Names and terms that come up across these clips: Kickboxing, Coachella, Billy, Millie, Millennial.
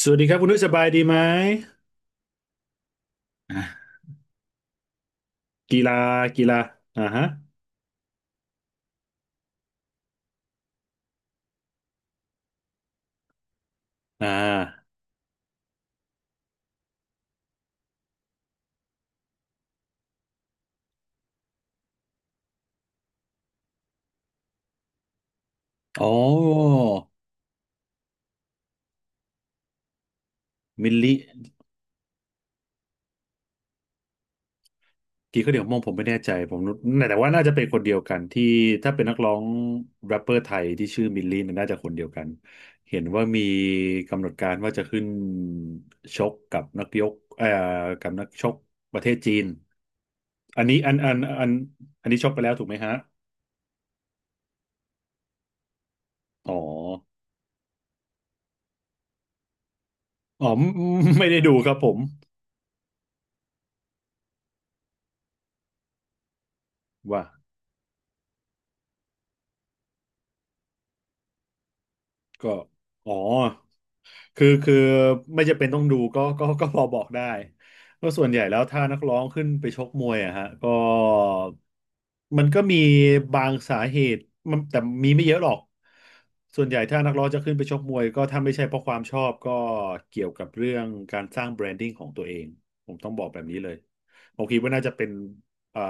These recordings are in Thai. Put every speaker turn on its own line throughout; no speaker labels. สวัสดีครับคุณนุ้ยสบายดีไหมอ่ะกีฬากีฬาอ่าฮะอ่าอ๋อมิลลิเดี๋ยวมองผมไม่แน่ใจผมนึกแต่ว่าน่าจะเป็นคนเดียวกันที่ถ้าเป็นนักร้องแรปเปอร์ไทยที่ชื่อมิลลิเนี่ยน่าจะคนเดียวกัน เห็นว่ามีกำหนดการว่าจะขึ้นชกกับนักยกเอ่อกับนักชกประเทศจีน อันนี้อันนี้ชกไปแล้วถูกไหมฮะอ๋ออ๋อไม่ไม่ได้ดูครับผมว่าก็อ๋อ คือไม่จำเป็นต้องดูก็พอบอกได้ก็ส่วนใหญ่แล้วถ้านักร้องขึ้นไปชกมวยอะฮะก็มันก็มีบางสาเหตุมันแต่มีไม่เยอะหรอกส่วนใหญ่ถ้านักร้องจะขึ้นไปชกมวยก็ถ้าไม่ใช่เพราะความชอบก็เกี่ยวกับเรื่องการสร้างแบรนดิ้งของตัวเองผมต้องบอกแบบนี้เลยผมคิดว่าน่าจะเป็นเอ่อ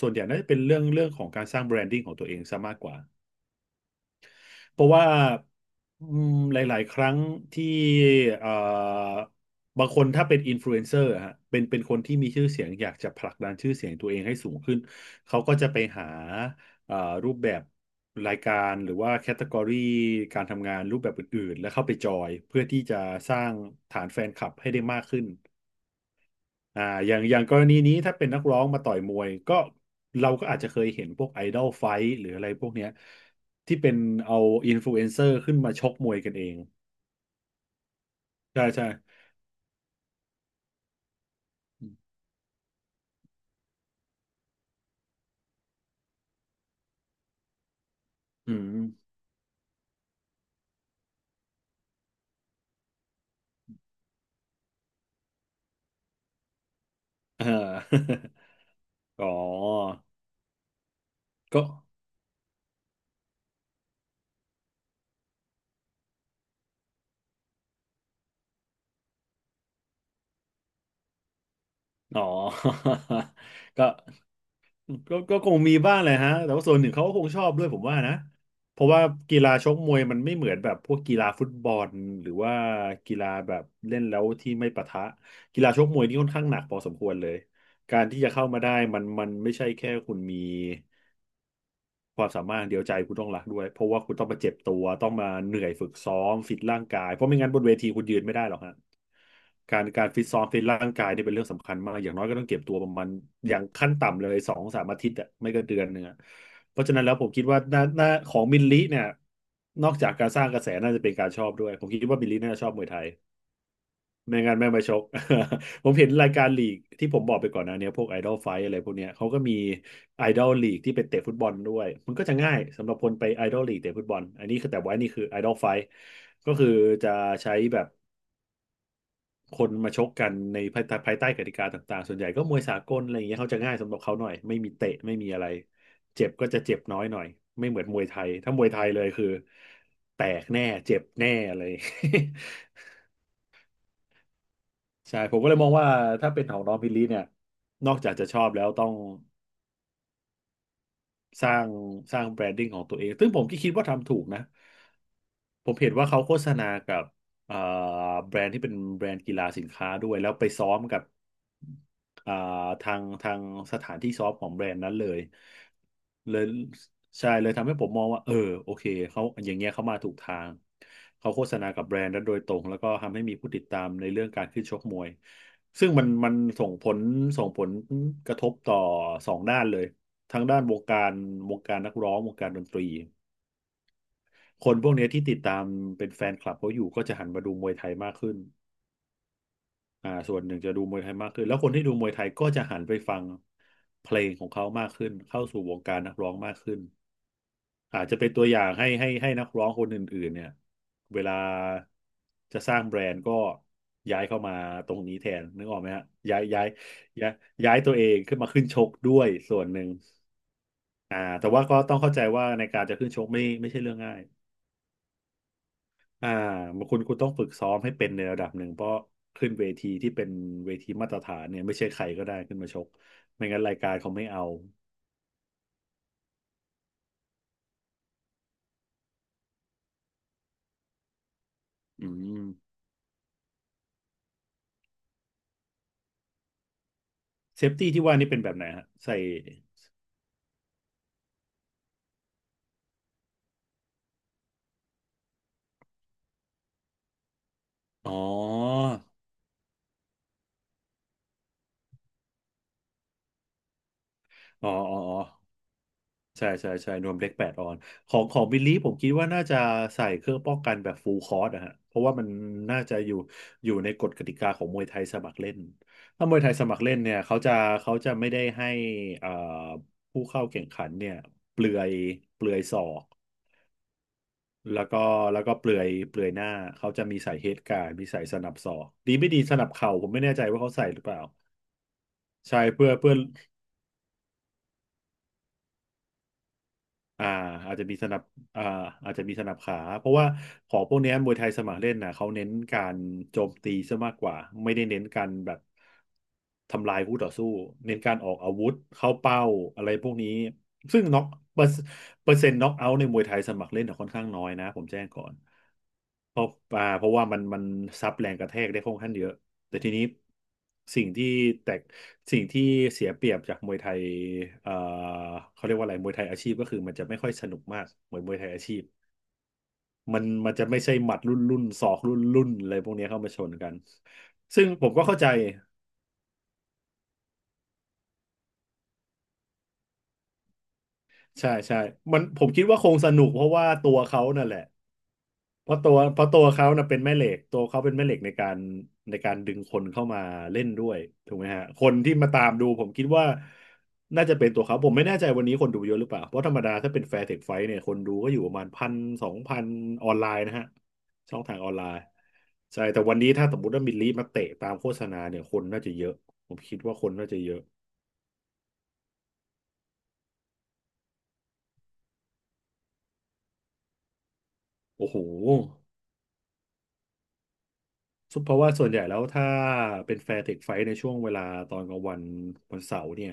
ส่วนใหญ่น่าจะเป็นเรื่องของการสร้างแบรนดิ้งของตัวเองซะมากกว่า เพราะว่าอืมหลายๆ ครั้งที่เอ่อบางคนถ้าเป็นอินฟลูเอนเซอร์ฮะเป็นคนที่มีชื่อเสียงอยากจะผลักดันชื่อเสียงตัวเองให้สูงขึ้นเขาก็จะไปหาเอ่อรูปแบบรายการหรือว่าแคตตากรีการทำงานรูปแบบอื่นๆ แล้วเข้าไปจอยเพื่อที่จะสร้างฐานแฟนคลับให้ได้มากขึ้น อ่าอย่างกรณีนี้ถ้าเป็นนักร้องมาต่อยมวยก็เราก็อาจจะเคยเห็นพวกไอดอลไฟท์หรืออะไรพวกเนี้ยที่เป็นเอาอินฟลูเอนเซอร์ขึ้นมาชกมวยกันเองใช่ใช่อืมเออ อ๋อก็อ๋อ ก็ ก็คงมีบ้างแหละฮะ แต่ว่าส่วนหนึ่งเขาก็คงชอบด้วยผมว่านะ เพราะว่ากีฬาชกมวยมันไม่เหมือนแบบพวกกีฬาฟุตบอลหรือว่ากีฬาแบบเล่นแล้วที่ไม่ปะทะกีฬาชกมวยนี่ค่อนข้างหนักพอสมควรเลย การที่จะเข้ามาได้มันไม่ใช่แค่คุณมี ความสามารถเดียวใจคุณต้องรักด้วยเพราะว่าคุณต้องมาเจ็บตัวต้องมาเหนื่อยฝึกซ้อมฟิตร่างกายเพราะไม่งั้นบนเวทีคุณยืนไม่ได้หรอกฮะการฟิตซ้อมฟิตร่างกายเนี่ยเป็นเรื่องสำคัญมากอย่างน้อยก็ต้องเก็บตัวประมาณอย่างขั้นต่ำเลยสองสามอาทิตย์อะไม่ก็เดือนหนึ่งอะเพราะฉะนั้นแล้วผมคิดว่าหน้าของมินลิเนี่ยนอกจากการสร้างกระแสน่าจะเป็นการชอบด้วยผมคิดว่ามินลิน่าจะชอบมวยไทย ไม่งั้นไม่มาชก ผมเห็นรายการลีกที่ผมบอกไปก่อนหนะเนี้ยพวกไอดอลไฟอะไรพวกเนี้ยเขาก็มีไอดอลลีกที่ไปเตะฟุตบอลด้วยมันก็จะง่ายสำหรับคนไปไอดอลลีกเตะฟุตบอลอันนี้คือแต่ว่านี่คือไอดอลไฟก็คือจะใช้แบบคนมาชกกันในภายใต้กติกาต่างๆส่วนใหญ่ก็มวยสากลอะไรอย่างเงี้ยเขาจะง่ายสำหรับเขาหน่อยไม่มีเตะไม่มีอะไรเจ็บก็จะเจ็บน้อยหน่อยไม่เหมือนมวยไทยถ้ามวยไทยเลยคือแตกแน่เจ็บแน่เลย ใช่ผมก็เลยมองว่าถ้าเป็นของน้องพิลลี่เนี่ยนอกจากจะชอบแล้วต้อง สร้างสร้างแบรนดิ้งของตัวเองซึ่งผมก็คิดว่าทำถูกนะ ผมเห็นว่าเขาโฆษณากับเอ่อแบรนด์ที่เป็นแบรนด์กีฬาสินค้าด้วย แล้วไปซ้อมกับเอ่ทางสถานที่ซ้อมของแบรนด์นั้นเลยเลยใช่เลยทำให้ผมมองว่าเออโอเคเขาอย่างเงี้ยเขามาถูกทางเขาโฆษณากับแบรนด์นั้นโดยตรงแล้วก็ทำให้มีผู้ติดตามในเรื่องการขึ้นชกมวยซึ่งมันส่งผลส่งผลกระทบต่อสองด้านเลย ทางด้านวงการนักร้องวงการดนตรีคนพวกเนี้ยที่ติดตามเป็นแฟนคลับเขาอยู่ก็จะหันมาดูมวยไทยมากขึ้นอ่าส่วนหนึ่งจะดูมวยไทยมากขึ้นแล้วคนที่ดูมวยไทยก็จะหันไปฟังเพลงของเขามากขึ้นเข้าสู่วงการนักร้องมากขึ้นอาจจะเป็นตัวอย่างให้นักร้องคนอื่นๆเนี่ยเวลาจะสร้างแบรนด์ก็ย้ายเข้ามาตรงนี้แทนนึกออกไหมฮะย้ายย้ายย้ายย้ายตัวเองขึ้นมาขึ้นชกด้วยส่วนหนึ่ง แต่ว่าก็ต้องเข้าใจว่าในการจะขึ้นชกไม่ใช่เรื่องง่ายอ่าคุณต้องฝึกซ้อมให้เป็นในระดับหนึ่งเพราะขึ้นเวทีที่เป็นเวทีมาตรฐานเนี่ยไม่ใช่ใครก็ได้ขึ้นมาชกไม่งั้นรายการเขาไม่เอาอืมเซฟตี้ที่ว่านี่เป็นแบบไหนฮะใส่อ๋ออ๋ออ๋ออ๋อ ใช่ใช่ใช่นวมเล็ก8ออนของบิลลี่ผมคิดว่าน่าจะใส่เครื่องป้องกันแบบฟูลคอร์สนะฮะเพราะว่ามันน่าจะอยู่ในกฎกติกาของมวยไทยสมัครเล่นถ้ามวยไทยสมัครเล่นเนี่ยเขาจะไม่ได้ให้เอ่อผู้เข้าแข่งขันเนี่ยเปลือยเปลือยศอกแล้วก็แล้วก็เปลือยเปลือยหน้าเขาจะมีใส่เฮดการ์ดมีใส่สนับศอกดีไม่ดีสนับเข่าผมไม่แน่ใจว่าเขาใส่หรือเปล่าใช่เพื่อ อ่าอาจจะมีสนับอ่าอาจจะมีสนับขาเพราะว่าของพวกเนี้ยมวยไทยสมัครเล่นนะเขาเน้นการโจมตีซะมากกว่าไม่ได้เน้นการแบบทำลายคู่ต่อสู้เน้นการออกอาวุธเข้าเป้าอะไรพวกนี้ซึ่งน็อกเปอร์เปอร์เซ็นต์น็อกเอาท์ในมวยไทยสมัครเล่นน่ะค่อนข้างน้อยนะผมแจ้งก่อนเพราะเพราะว่ามันซับแรงกระแทกได้ค่อนข้างเยอะ แต่ทีนี้สิ่งที่แตกสิ่งที่เสียเปรียบจากมวยไทยเอ่อเขาเรียกว่าอะไรมวยไทยอาชีพก็คือมันจะไม่ค่อยสนุกมากเหมือนมวยไทยอาชีพมันจะไม่ใช่หมัดรุ่นศอกรุ่นอะไรพวกเนี้ยเข้ามาชนกันซึ่งผมก็เข้าใจใช่ใช่มันผมคิดว่าคงสนุกเพราะว่าตัวเขานั่นแหละ เพราะตัวเขานะเป็นแม่เหล็กตัวเขาเป็นแม่เหล็กในการในการดึงคนเข้ามาเล่นด้วยถูกไหมฮะคนที่มาตามดูผมคิดว่าน่าจะเป็นตัวเขาผมไม่แน่ใจวันนี้คนดูเยอะหรือเปล่าเพราะธรรมดาถ้าเป็นแฟร์เทคไฟท์เนี่ยคนดูก็อยู่ประมาณพันสองพันออนไลน์นะฮะช่องทางออนไลน์ใช่แต่วันนี้ถ้าสมมติว่ามิลลิมาเตะตามโฆษณาเนี่ยคนน่าจะเยอะผมคิดว่าคนน่าจะเยอะโอ้โห ซึ่งเพราะว่าส่วนใหญ่แล้วถ้าเป็นแฟร์เทคไฟท์ในช่วงเวลาตอนกลางวันวันเสาร์เนี่ย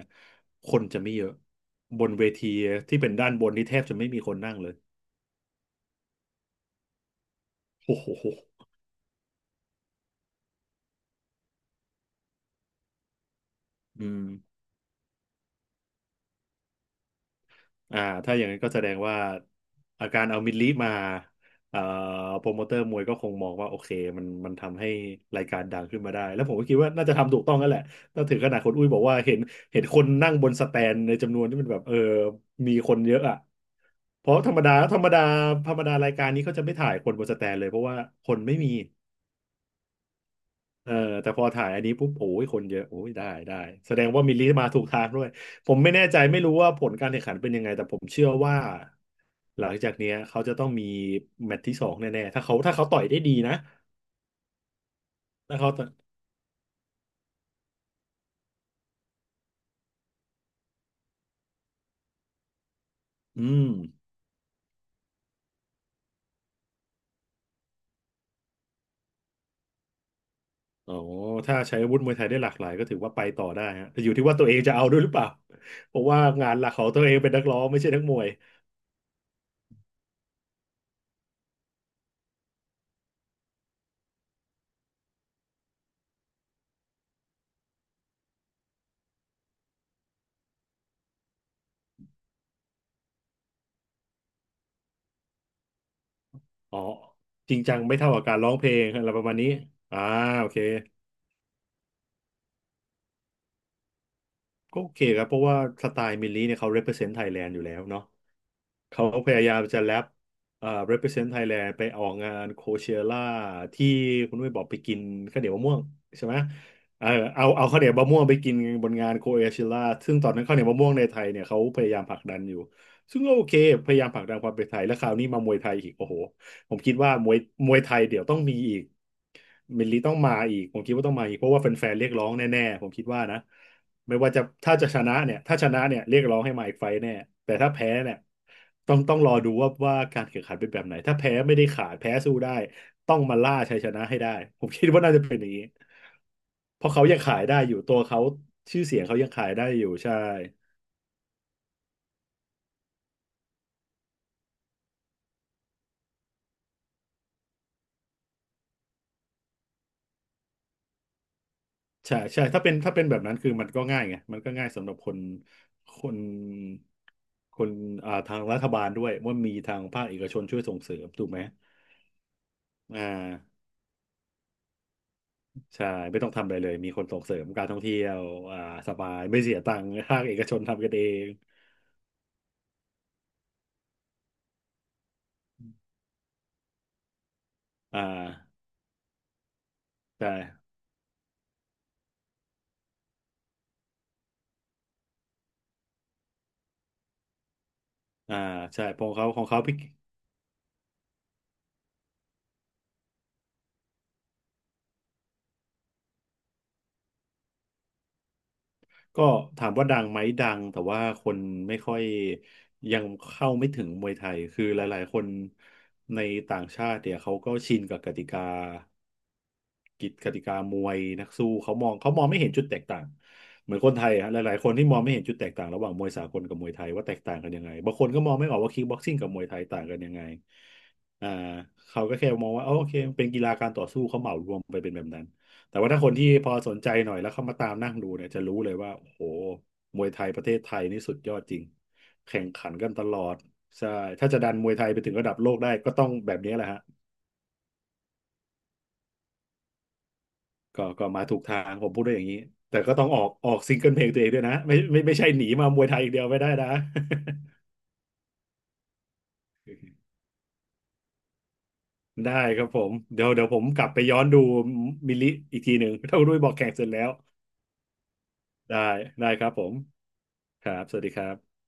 คนจะไม่เยอะบนเวทีที่เป็นด้านบนนี่แทบจะไม่มีคนนั่งเลยโอ้โหอืม อ่าถ้าอย่างนั้นก็แสดงว่าอาการเอามิดลีมาเอ่อโปรโมเตอร์มวยก็คงมองว่าโอเคมันทำให้รายการดังขึ้นมาได้แล้วผมก็คิดว่าน่าจะทำถูกต้องนั่นแหละถ้าถึงขนาดคนอุ้ยบอกว่าเห็นเห็นคนนั่งบนสแตนในจำนวนที่มันแบบเออมีคนเยอะอ่ะเพราะธรรมดาธรรมดาธรรมดารายการนี้เขาจะไม่ถ่ายคนบนสแตนเลยเพราะว่าคนไม่มี เออแต่พอถ่ายอันนี้ปุ๊บโอ้ยคนเยอะโอ้ยได้ได้แสดงว่ามิลลิมาถูกทางด้วยผมไม่แน่ใจไม่รู้ว่าผลการแข่งขันเป็นยังไงแต่ผมเชื่อว่าหลังจากเนี้ยเขาจะต้องมีแมตช์ที่สองแน่ๆถ้าเขาต่อยได้ดีนะถ้าเขาต่อยอืมอ๋อถ้าใช้อาวุธมวยไทยได้หลากหลายก็ถือว่าไปต่อได้ฮะแต่อยู่ที่ว่าตัวเองจะเอาด้วยหรือเปล่า เพราะว่างานหลักของตัวเองเป็นนักร้องไม่ใช่นักมวยอ๋อจริงจังไม่เท่ากับการร้องเพลงอะไรประมาณนี้อ่าโอเค ก็โอเคครับเพราะว่าสไตล์มิลลี่เนี่ยเขา represent Thailand อยู่แล้วเนาะเขาพยายามจะแรปrepresent Thailand ไปออกงานโคเชล่าที่คุณด้ยบอกไปกินข้าวเหนียวมะม่วงใช่ไหมเออเอาเอาข้าวเหนียวมะม่วงไปกินบนงานโคเชล่าซึ่งตอนนั้นข้าวเหนียวมะม่วงในไทยเนี่ยเขาพยายามผลักดันอยู่ซึ่งก็โอเคพยายามผลักดันความเป็นไทยแล้วคราวนี้มามวยไทยอีกโอ้โห ผมคิดว่ามวยไทยเดี๋ยวต้องมีอีกมิลลีต้องมาอีกผมคิดว่าต้องมาอีกเพราะว่าแฟนๆเรียกร้องแน่ๆผมคิดว่านะไม่ว่าจะถ้าจะชนะเนี่ยถ้าชนะเนี่ยเรียกร้องให้มาอีกไฟต์แน่แต่ถ้าแพ้เนี่ยต้องรอดูว่าการแข่งขันเป็นแบบไหนถ้าแพ้ไม่ได้ขาดแพ้สู้ได้ต้องมาล่าชัยชนะให้ได้ผมคิดว่าน่าจะเป็นอย่างนี้เพราะเขายังขายได้อยู่ตัวเขาชื่อเสียงเขายังขายได้อยู่ใช่ ใช่ใช่ถ้าเป็นถ้าเป็นแบบนั้นคือมันก็ง่ายไงมันก็ง่ายสำหรับคนคนคนทางรัฐบาลด้วยว่ามีทางภาคเอกชนช่วยส่งเสริมถูกไหมอ่าใช่ไม่ต้องทำอะไรเลยมีคนส่งเสริมการท่องเที่ยวอ่าสบายไม่เสียตังค์ภาคเอกชนทำกันเองอ่าใช่อ่าใช่ของเขาของเขาพี่ก็ถามว่าดังไหมดังแต่ว่าคนไม่ค่อยยังเข้าไม่ถึงมวยไทยคือหลายๆคนในต่างชาติเนี่ยเขาก็ชินกับกติกา กิจกติกามวยนักสู้เขามองไม่เห็นจุดแตกต่างเหมือนคนไทยอะหลายๆคนที่มองไม่เห็นจุดแตกต่างระหว่างมวยสากลกับมวยไทยว่าแตกต่างกันยังไงบางคนก็มองไม่ออกว่าคิกบ็อกซิ่งกับมวยไทยต่างกันยังไงอ่าเขาก็แค่มองว่าอ๋อโอเคมันเป็นกีฬาการต่อสู้เขาเหมารวมไปเป็นแบบนั้นแต่ว่าถ้าคนที่พอสนใจหน่อยแล้วเข้ามาตามนั่งดูเนี่ยจะรู้เลยว่าโอ้โหมวยไทยประเทศไทยนี่สุดยอดจริงแข่งขันกันตลอดใช่ถ้าจะดันมวยไทยไปถึงระดับโลกได้ก็ต้องแบบนี้แหละฮะ ก็ก็มาถูกทางผมพูดได้อย่างนี้แต่ก็ต้องออกซิงเกิลเพลงตัวเองด้วยนะไม่ใช่หนีมามวยไทยอย่างเดียวไม่ได้นะ ได้ครับผมเดี๋ยวผมกลับไปย้อนดูมิลลิอีกทีหนึ่ง ถ้าคุณด้วยบอกแข่งเสร็จแล้วได้ได้ครับผมครับสวัสดีครับ